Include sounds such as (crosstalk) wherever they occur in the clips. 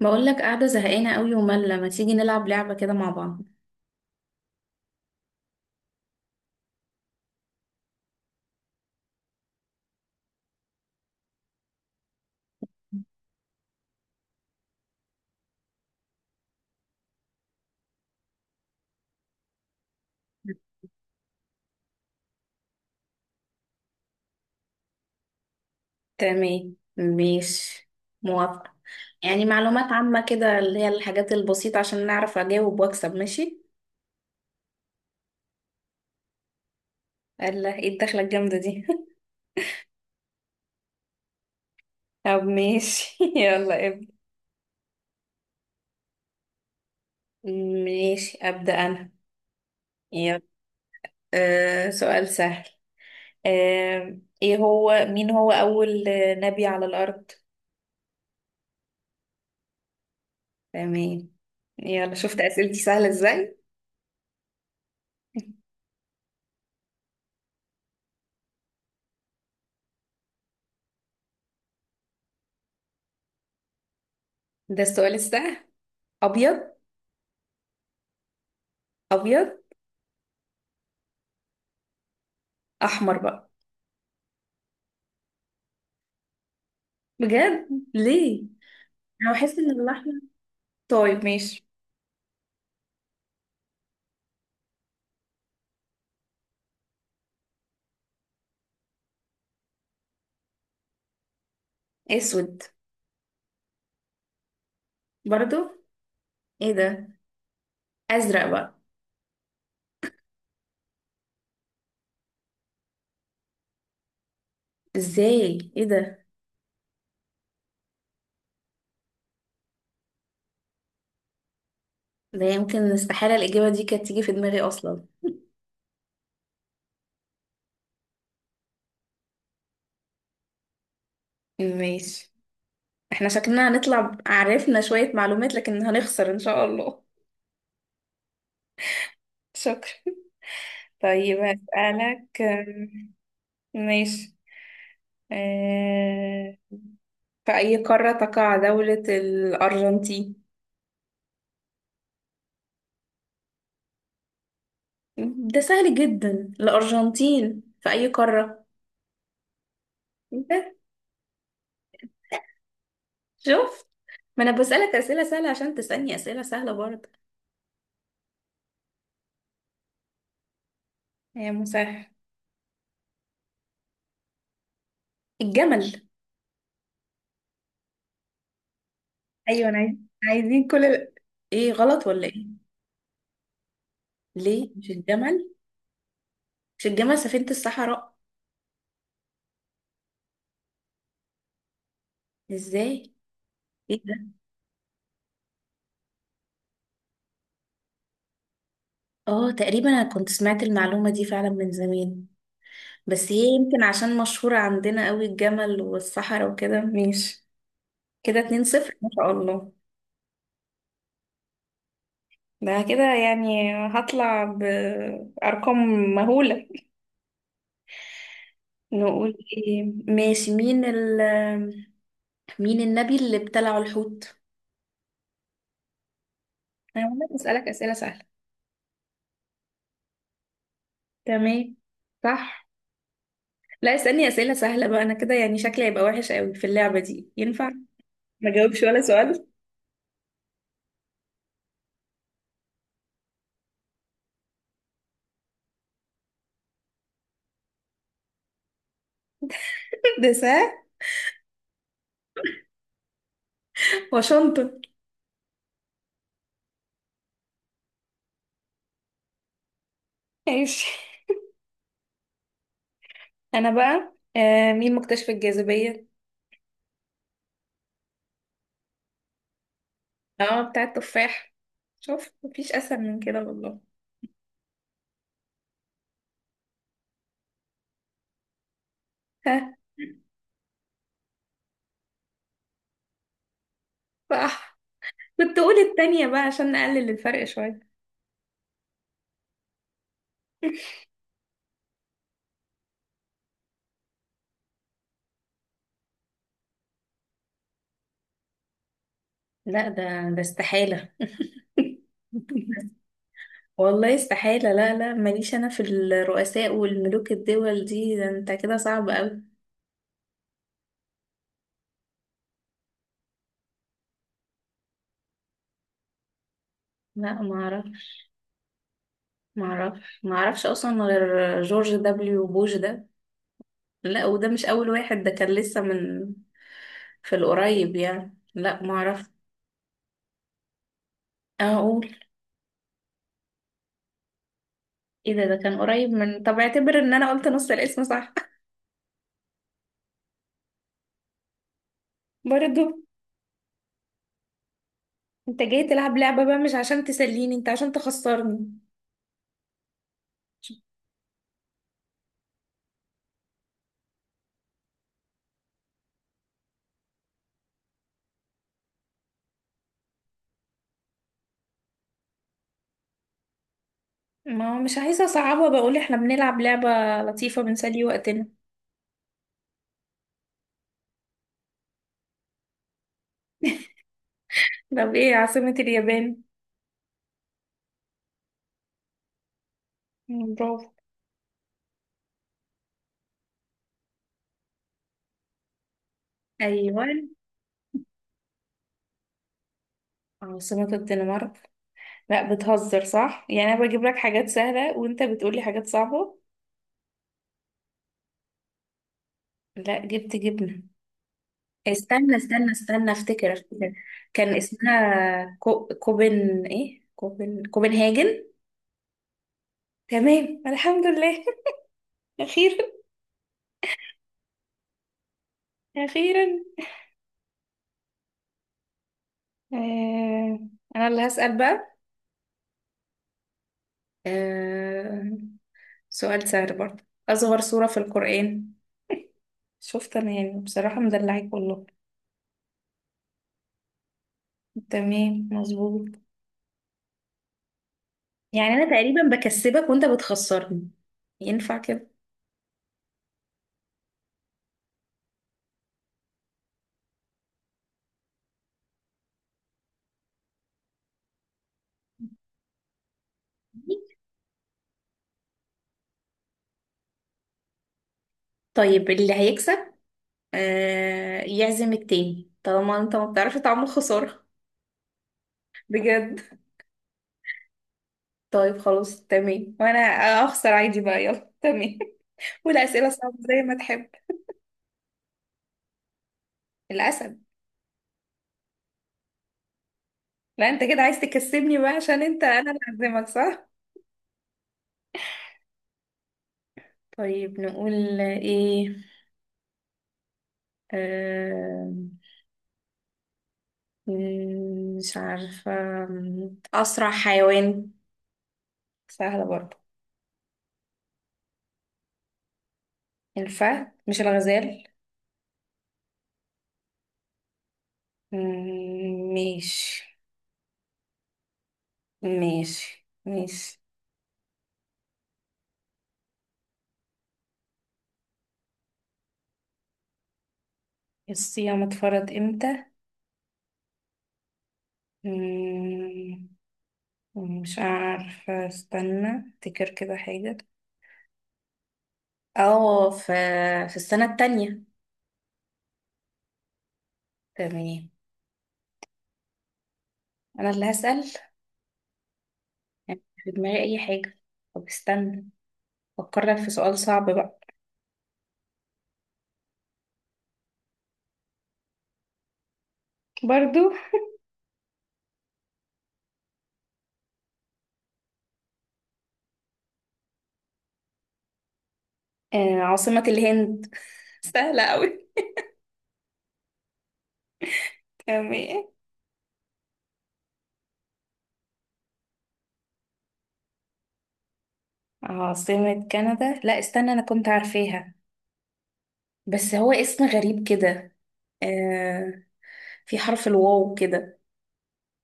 بقول لك قاعدة زهقانة قوي وملة، ما تيجي نلعب لعبة كده مع بعض؟ تمام، ماشي. موافقة. يعني معلومات عامة كده اللي هي الحاجات البسيطة عشان نعرف أجاوب وأكسب. ماشي. الله، ايه الدخلة الجامدة دي؟ (laughs) طب ماشي. (laughs) يلا ابدأ. ماشي، أبدأ أنا. يلا. سؤال سهل. آه ايه هو مين هو أول نبي على الأرض؟ تمام. يلا شفت أسئلتي سهلة ازاي. (laughs) ده السؤال السهل؟ أبيض. أبيض. احمر بقى. بجد؟ ليه؟ انا بحس ان الاحمر. طيب ماشي. اسود. برضو؟ ايه ده؟ ازرق بقى. ازاي؟ ايه ده؟ ده يمكن استحالة الاجابة دي كانت تيجي في دماغي اصلا. ماشي. احنا شكلنا هنطلع عرفنا شوية معلومات لكن هنخسر ان شاء الله. شكرا. (laughs) طيب هسألك. ماشي. أه... في أي قارة تقع دولة الأرجنتين؟ ده سهل جدا. الأرجنتين في أي قارة؟ بس شوف، ما انا بسألك اسئلة سهلة عشان تسألني اسئلة سهلة برضه. يا مسهل. الجمل. ايوه انا عايز. عايزين كل ايه، غلط ولا ايه؟ ليه مش الجمل؟ مش الجمل سفينة الصحراء؟ ازاي؟ ايه ده؟ اه، تقريبا انا كنت سمعت المعلومة دي فعلا من زمان. بس هي يمكن عشان مشهورة عندنا قوي الجمل والصحراء وكده. ماشي. كده 2-0 ما شاء الله. ده كده يعني هطلع بأرقام مهولة. نقول ايه؟ ماشي. مين النبي اللي ابتلعه الحوت؟ انا والله بسألك أسئلة سهلة. تمام، صح. لا اسألني أسئلة سهلة بقى، انا كده يعني شكلي هيبقى وحش قوي في اللعبة دي. ينفع؟ ما جاوبش ولا سؤال. (laughs) ده سهل. واشنطن. ماشي. انا بقى، مين مكتشف الجاذبية؟ اه، بتاع التفاح. شوف مفيش اسهل من كده والله. ها. صح. كنت اقول التانية بقى عشان نقلل الفرق شوية. لا ده استحالة. (laughs) والله استحالة. لا لا، ماليش أنا في الرؤساء والملوك الدول دي، ده أنت كده صعب أوي. لا معرف معرفش أصلا غير جورج دبليو بوش ده. لا وده مش أول واحد، ده كان لسه من، في القريب يعني. لا معرف. أقول؟ إيه ده؟ ده كان قريب من. طب اعتبر إن أنا قلت نص الاسم صح. (laughs) برضو. أنت جاي تلعب لعبة بقى مش عشان تسليني، أنت عشان تخسرني. ما هو مش عايزة أصعبها، بقول إحنا بنلعب لعبة لطيفة بنسلي وقتنا. طب إيه عاصمة اليابان؟ مم، برافو. ايوه. عاصمة الدنمارك؟ لا بتهزر صح، يعني انا بجيب لك حاجات سهلة وانت بتقولي حاجات صعبة. لا جبت جبنة. استنى استنى استنى، افتكر افتكر. كان اسمها كو... كوبن ايه كوبن كوبنهاجن. تمام الحمد لله. (laughs) اخيرا. اخيرا. آه... انا اللي هسأل بقى. آه... سؤال سهل برضه. اصغر سورة في القرآن؟ شفت انا يعني بصراحة مدلعك والله. تمام مظبوط. يعني انا تقريبا بكسبك وانت بتخسرني. ينفع كده؟ طيب اللي هيكسب يعزم التاني طالما انت ما بتعرفش تعمل خسارة. بجد. طيب خلاص تمام. وانا اخسر عادي بقى. يلا تمام. (laughs) والاسئلة صعبة زي ما تحب. الاسد. لا انت كده عايز تكسبني بقى عشان انت انا اللي هعزمك صح. طيب نقول ايه؟ آه مش عارفة. اسرع حيوان. سهلة برضه. الفهد مش الغزال؟ مم، ماشي. ماشي ماشي. الصيام اتفرض امتى؟ مم، مش عارفة. استنى افتكر كده حاجة. اه، في، في السنة التانية. تمام. انا اللي هسأل. يعني مش في دماغي اي حاجة. طب استنى. فكرك في سؤال صعب بقى. برضو. آه، عاصمة الهند. (laughs) سهلة اوي. تمام. عاصمة كندا؟ لا استنى، انا كنت عارفاها. بس هو اسم غريب كده. آه، في حرف الواو كده.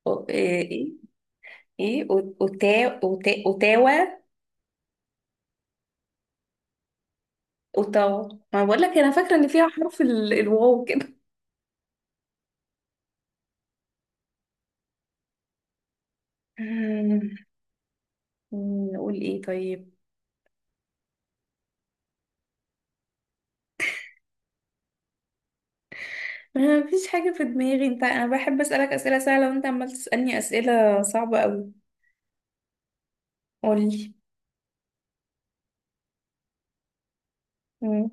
ايه. ايه اوتاوا. اوتاوا. ما بقول لك انا فاكره ان فيها حرف الواو كده. مم، نقول ايه طيب؟ ما فيش حاجه في دماغي، انت انا بحب اسالك اسئله سهله وانت عمال تسالني اسئله صعبه قوي. قولي. مم،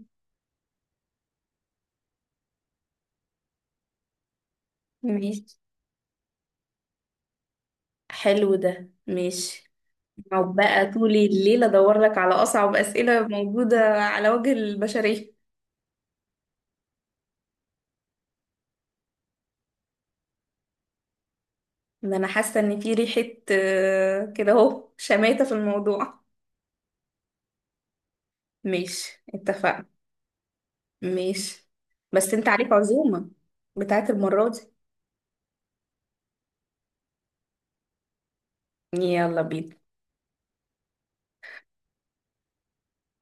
ماشي. حلو ده. ماشي. أقعد بقى طول الليل ادور لك على اصعب اسئله موجوده على وجه البشريه. ان انا حاسه ان في ريحه، كده اهو، شماته في الموضوع. ماشي اتفقنا. ماشي، بس انت عليك عزومه بتاعت المره دي. يلا بينا.